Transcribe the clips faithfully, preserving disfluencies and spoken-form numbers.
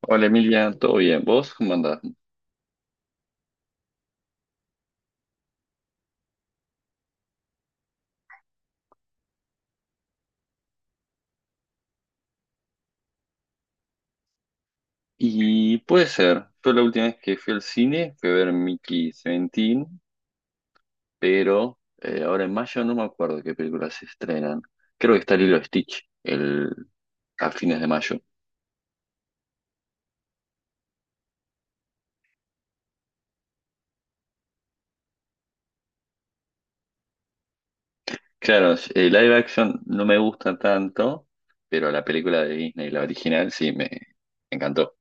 Hola Emilia, ¿todo bien? ¿Vos cómo andás? Y puede ser, yo la última vez que fui al cine fui a ver Mickey diecisiete, pero eh, ahora en mayo no me acuerdo qué películas se estrenan. Creo que está Lilo Stitch el, a fines de mayo. Claro, el live action no me gusta tanto, pero la película de Disney, la original, sí, me encantó.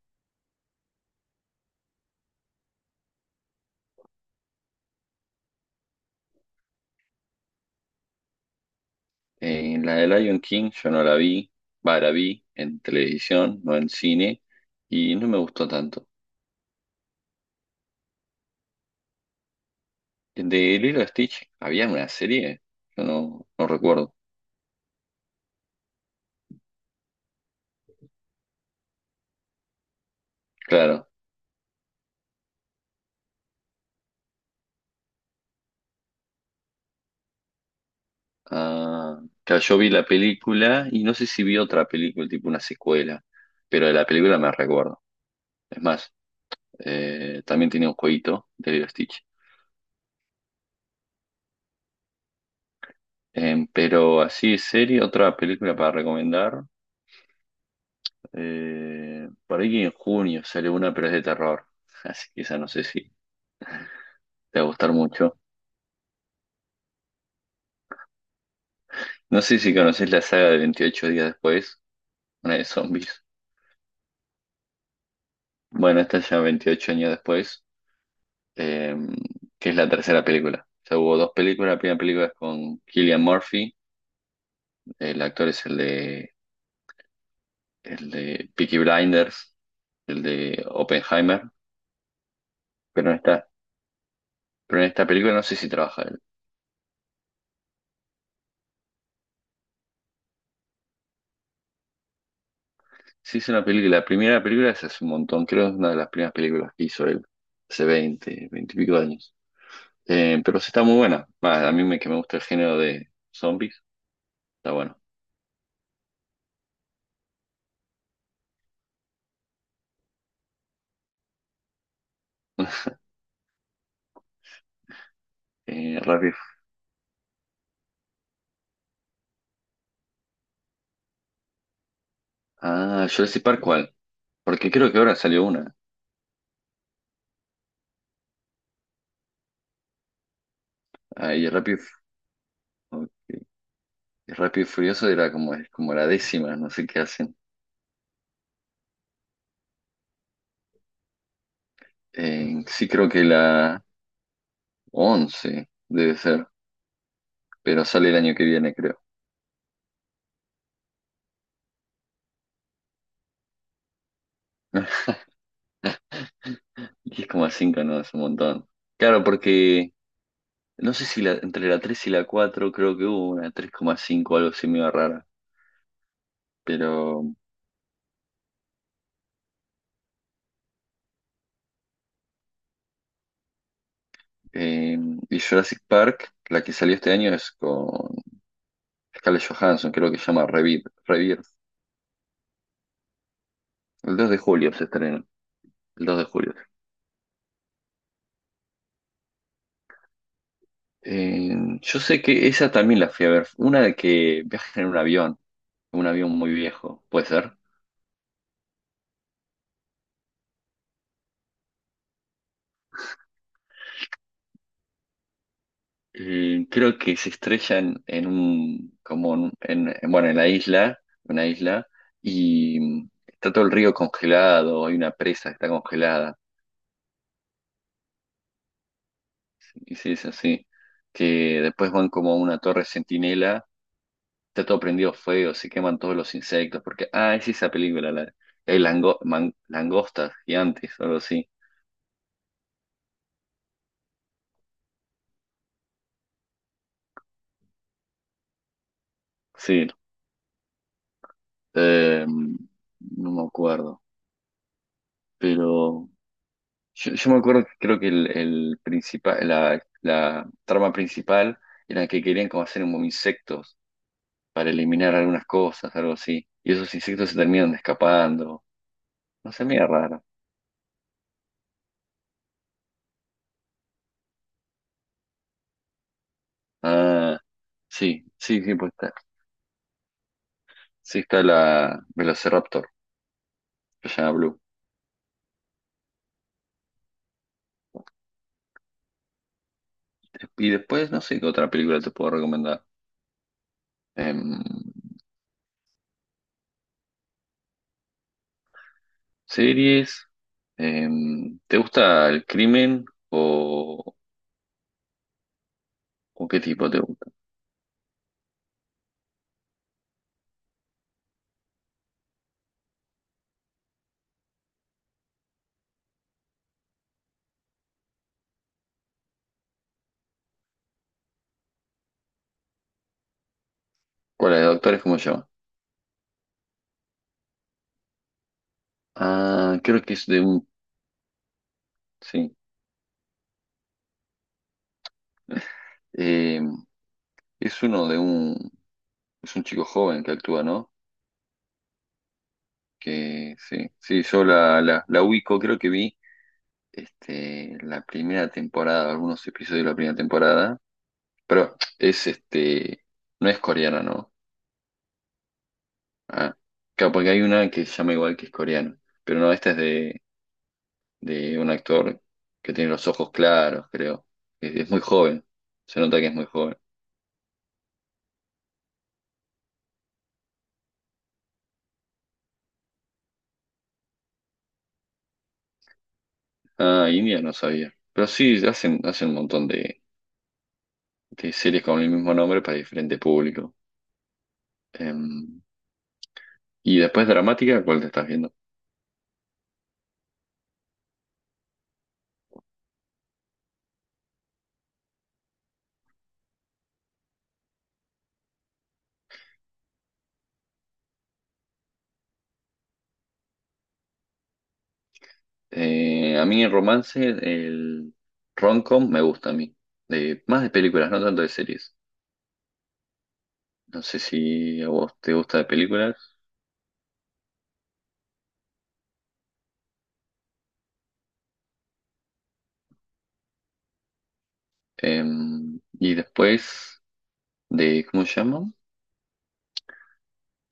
Eh, la de Lion King yo no la vi, va, la vi en televisión, no en cine, y no me gustó tanto. De Lilo y Stitch, ¿había una serie? Yo no, no recuerdo. Claro. Ah, claro, yo vi la película y no sé si vi otra película, tipo una secuela, pero de la película me recuerdo. Es más, eh, también tenía un jueguito de Lilo y Stitch. Em, pero así de serie, otra película para recomendar. eh, por ahí que en junio sale una, pero es de terror. Así que esa no sé si te va a gustar mucho. No sé si conoces la saga de Veintiocho días después, una de zombies. Bueno, esta ya veintiocho años después, eh, que es la tercera película. O sea, hubo dos películas. La primera película es con Cillian Murphy, el actor es el de, el de Peaky Blinders, el de Oppenheimer, pero en esta, pero en esta película no sé si trabaja él. Sí es una película, la primera película es hace un montón, creo que es una de las primeras películas que hizo él, hace veinte, 20 y pico de años. Eh, pero sí está muy buena. Va, a mí me, que me gusta el género de zombies, está bueno. Eh, Rápido. Ah, Jurassic Park, ¿cuál? Porque creo que ahora salió una. Ah, y Rápido, y Fu- y Rápido y Furioso era como, es como la décima, no sé qué hacen. Eh, sí, creo que la once debe ser, pero sale el año que viene, creo. Y es como a cinco, ¿no? Es un montón. Claro, porque no sé si la, entre la tres y la cuatro creo que hubo una tres coma cinco o algo así medio rara. Pero, eh, y Jurassic Park, la que salió este año es con Scarlett Johansson, creo que se llama Rebirth. Rebirth. El dos de julio se estrena. El dos de julio. Eh, yo sé que esa también la fui a ver, una de que viajan en un avión, un avión muy viejo, puede ser. Eh, creo que se estrellan en un, como en, en- en- bueno, en la isla, una isla, y mm, está todo el río congelado, hay una presa que está congelada, y sí, es así, que después van como a una torre centinela, está todo prendido fuego, se queman todos los insectos, porque, ah, es esa película, la, hay lango- man- langostas gigantes, o algo así. Sí. Eh, no me acuerdo, pero yo, yo me acuerdo que creo que el, el principal, la, la trama principal era que querían como hacer como insectos para eliminar algunas cosas, algo así. Y esos insectos se terminan escapando. No sé, mira raro. Ah, sí, sí, sí, pues está. Sí, está la Velociraptor, que se llama Blue. Y después, no sé qué otra película te puedo recomendar. Em, Series. Em, ¿te gusta el crimen? o ¿O qué tipo te gusta? ¿Cuál es? ¿De ¿Doctores como yo? Ah, creo que es de un... Sí. Eh, es uno de un... Es un chico joven que actúa, ¿no? Que sí. Sí, yo la, la, la ubico, creo que vi este, la primera temporada, algunos episodios de la primera temporada. Pero es este... No es coreana, ¿no? Ah, claro, porque hay una que se llama igual que es coreana. Pero no, esta es de, de un actor que tiene los ojos claros, creo. Es, es muy joven. Se nota que es muy joven. Ah, India no sabía. Pero sí, hacen, hacen un montón de, de series con el mismo nombre para diferente público. Em, y después dramática, ¿cuál te estás viendo? Eh, a mí el romance, el rom-com me gusta a mí. De, más de películas, no tanto de series. No sé si a vos te gusta de películas. Em, y después de, ¿cómo se llama?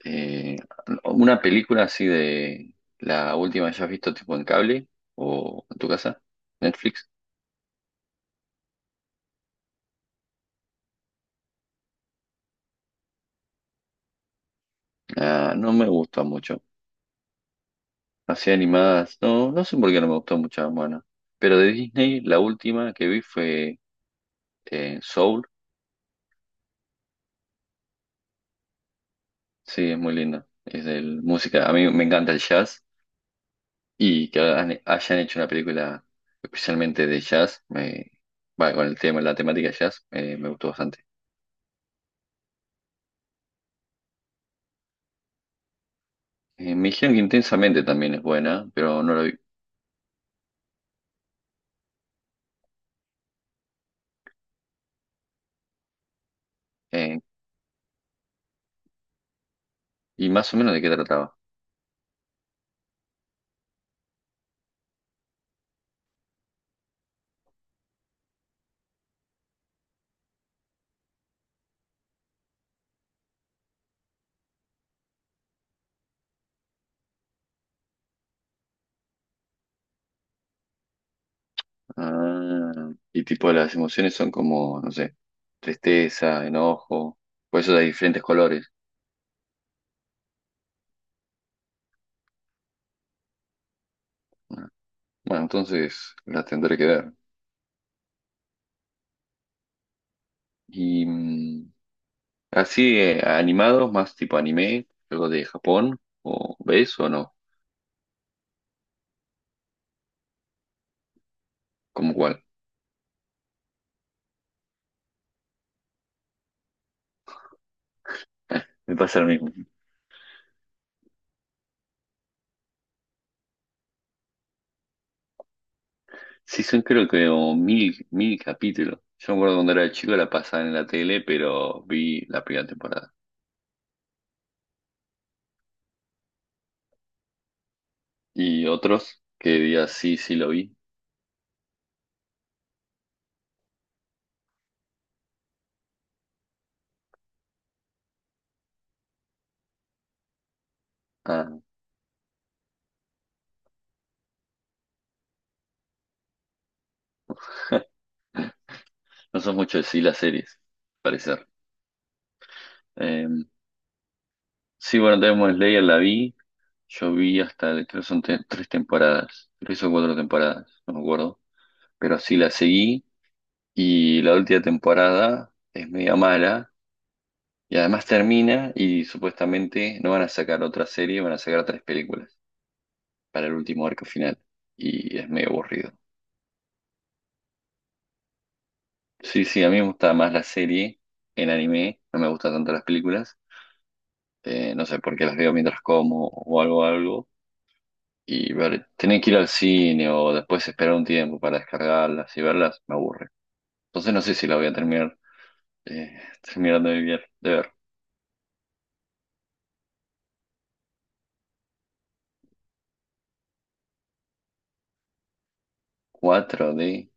Eh, una película así de la última que hayas visto tipo en cable o en tu casa, Netflix. Ah, no me gusta mucho. Así animadas, no, no sé por qué no me gustó mucho, bueno. Pero de Disney, la última que vi fue eh, Soul. Sí, es muy linda. Es de música. A mí me encanta el jazz y que hagan- hayan hecho una película especialmente de jazz, me, va, con el tema, la temática jazz, eh, me gustó bastante. Eh, me dijeron que Intensamente también es buena, pero no la vi. Eh, y más o menos de qué trataba. Ah, y tipo las emociones son como, no sé, tristeza, enojo, por eso hay diferentes colores. Ah, bueno, entonces las tendré que ver. Y mm, así eh, animados, más tipo anime, algo de Japón, o ves o no, como cuál. Me pasa lo mismo. Sí, son creo que como mil, mil capítulos. Yo me acuerdo cuando era chico la pasaban en la tele, pero vi la primera temporada. Y otros que digas sí, sí lo vi. Ah. No sos mucho de sí las series, al parecer. Eh, sí, bueno, Demon Slayer la vi. Yo vi hasta, creo que son te- tres temporadas, tres o cuatro temporadas, no me acuerdo. Pero sí la seguí y la última temporada es media mala. Y además termina y supuestamente no van a sacar otra serie, van a sacar tres películas para el último arco final. Y es medio aburrido. Sí, sí, a mí me gusta más la serie en anime, no me gustan tanto las películas. Eh, no sé por qué las veo mientras como o algo, algo. Y ver, tener que ir al cine o después esperar un tiempo para descargarlas y verlas me aburre. Entonces no sé si la voy a terminar eh, terminando de ver, de ver. Cuatro d.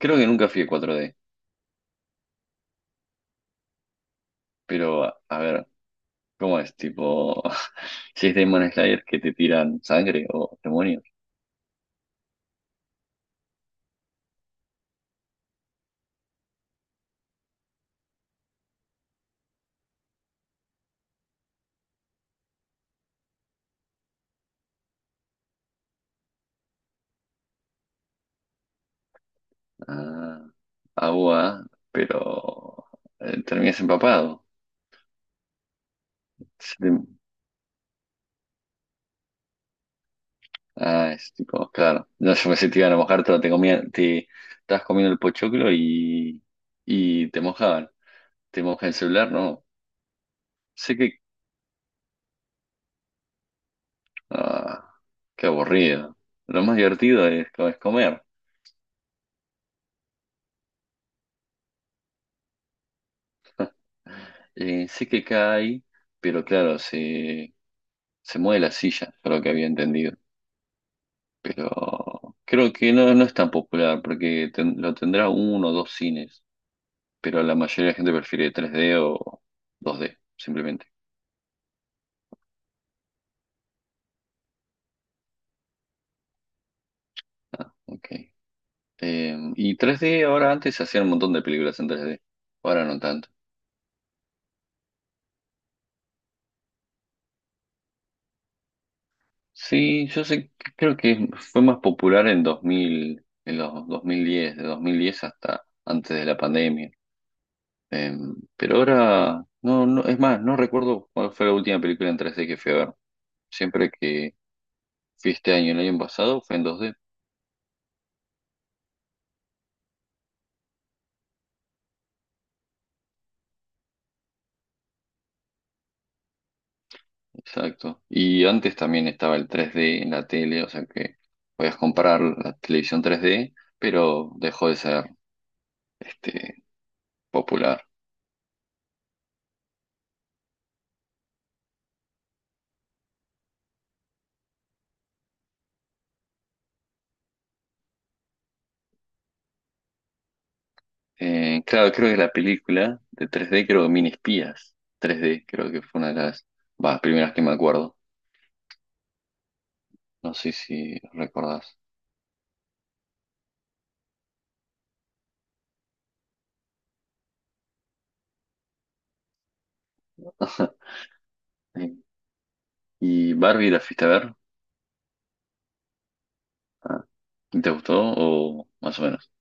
Creo que nunca fui a cuatro D, pero a, a ver, ¿cómo es? Tipo, si es Demon Slayer que te tiran sangre o demonios. Ah, agua, pero eh, terminas empapado. Ah, es tipo, claro. No, yo pensé que te iban a mojar, pero te comía, te estabas comiendo el pochoclo y, y te mojaban. Te moja el celular, no. Sé que. Ah, qué aburrido. Lo más divertido es, co- es comer. Eh, sé que cae, pero claro, se, se mueve la silla, yo lo que había entendido. Pero creo que no, no es tan popular, porque ten- lo tendrá uno o dos cines. Pero la mayoría de la gente prefiere tres d o dos d simplemente. Ah, ok. Eh, y tres D, ahora antes se hacían un montón de películas en tres D, ahora no tanto. Sí, yo sé, creo que fue más popular en dos mil, en los dos mil diez, de dos mil diez hasta antes de la pandemia. Eh, pero ahora, no, no, es más, no recuerdo cuál fue la última película en tres D que fui a ver. Siempre que fui este año, el año pasado, fue en dos D, exacto. Y antes también estaba el tres D en la tele, o sea que podías comprar la televisión tres D, pero dejó de ser este, popular. Eh, claro, creo que la película de tres D, creo que Mini Espías tres D, creo que fue una de las bah, primeras que me acuerdo. No sé si recordás. ¿Y Barbie la fuiste a ver? Ah, ¿y ¿Te gustó o más o menos?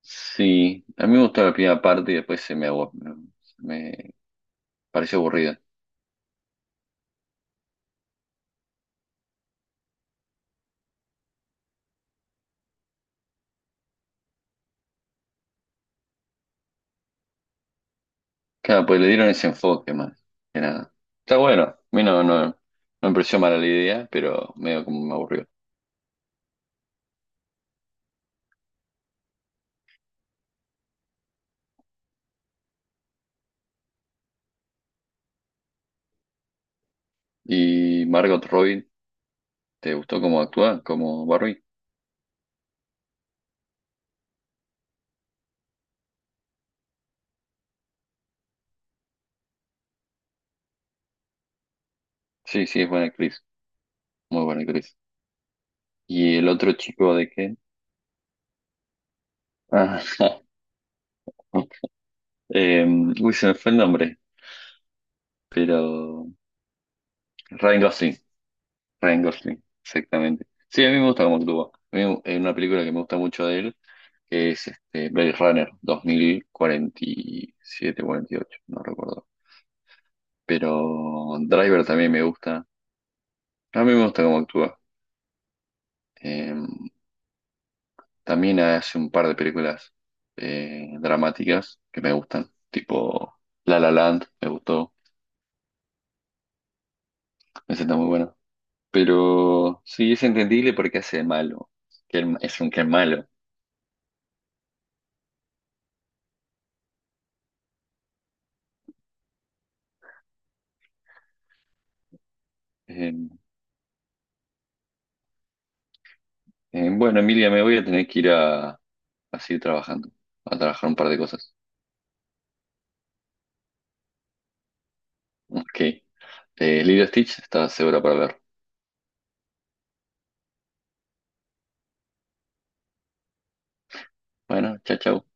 Sí, a mí me gustó la primera parte y después se me, abu- me pareció aburrida. Claro, pues le dieron ese enfoque más que nada. Está bueno, a mí no, no, no me pareció mala la idea, pero medio como me aburrió. ¿Y Margot Robbie, te gustó cómo actúa como Barbie? Sí, sí, es buena actriz, muy buena actriz. ¿Y el otro chico de qué? Ah, eh, uy, se me fue el nombre, pero Ryan Gosling, Ryan Gosling, exactamente. Sí, a mí me gusta cómo actúa. A mí hay una película que me gusta mucho de él, que es este, Blade Runner dos mil cuarenta y siete, cuarenta y ocho, no recuerdo. Pero Driver también me gusta. A mí me gusta cómo actúa. Em, También hace un par de películas eh, dramáticas que me gustan, tipo La La Land, me gustó, me siento muy bueno. Pero sí, es entendible porque hace de malo, que él- es un que es malo. Eh, eh, bueno, Emilia, me voy a tener que ir a, a seguir trabajando, a trabajar un par de cosas. Ok, eh, Lilo Stitch está segura para ver. Bueno, chao, chao.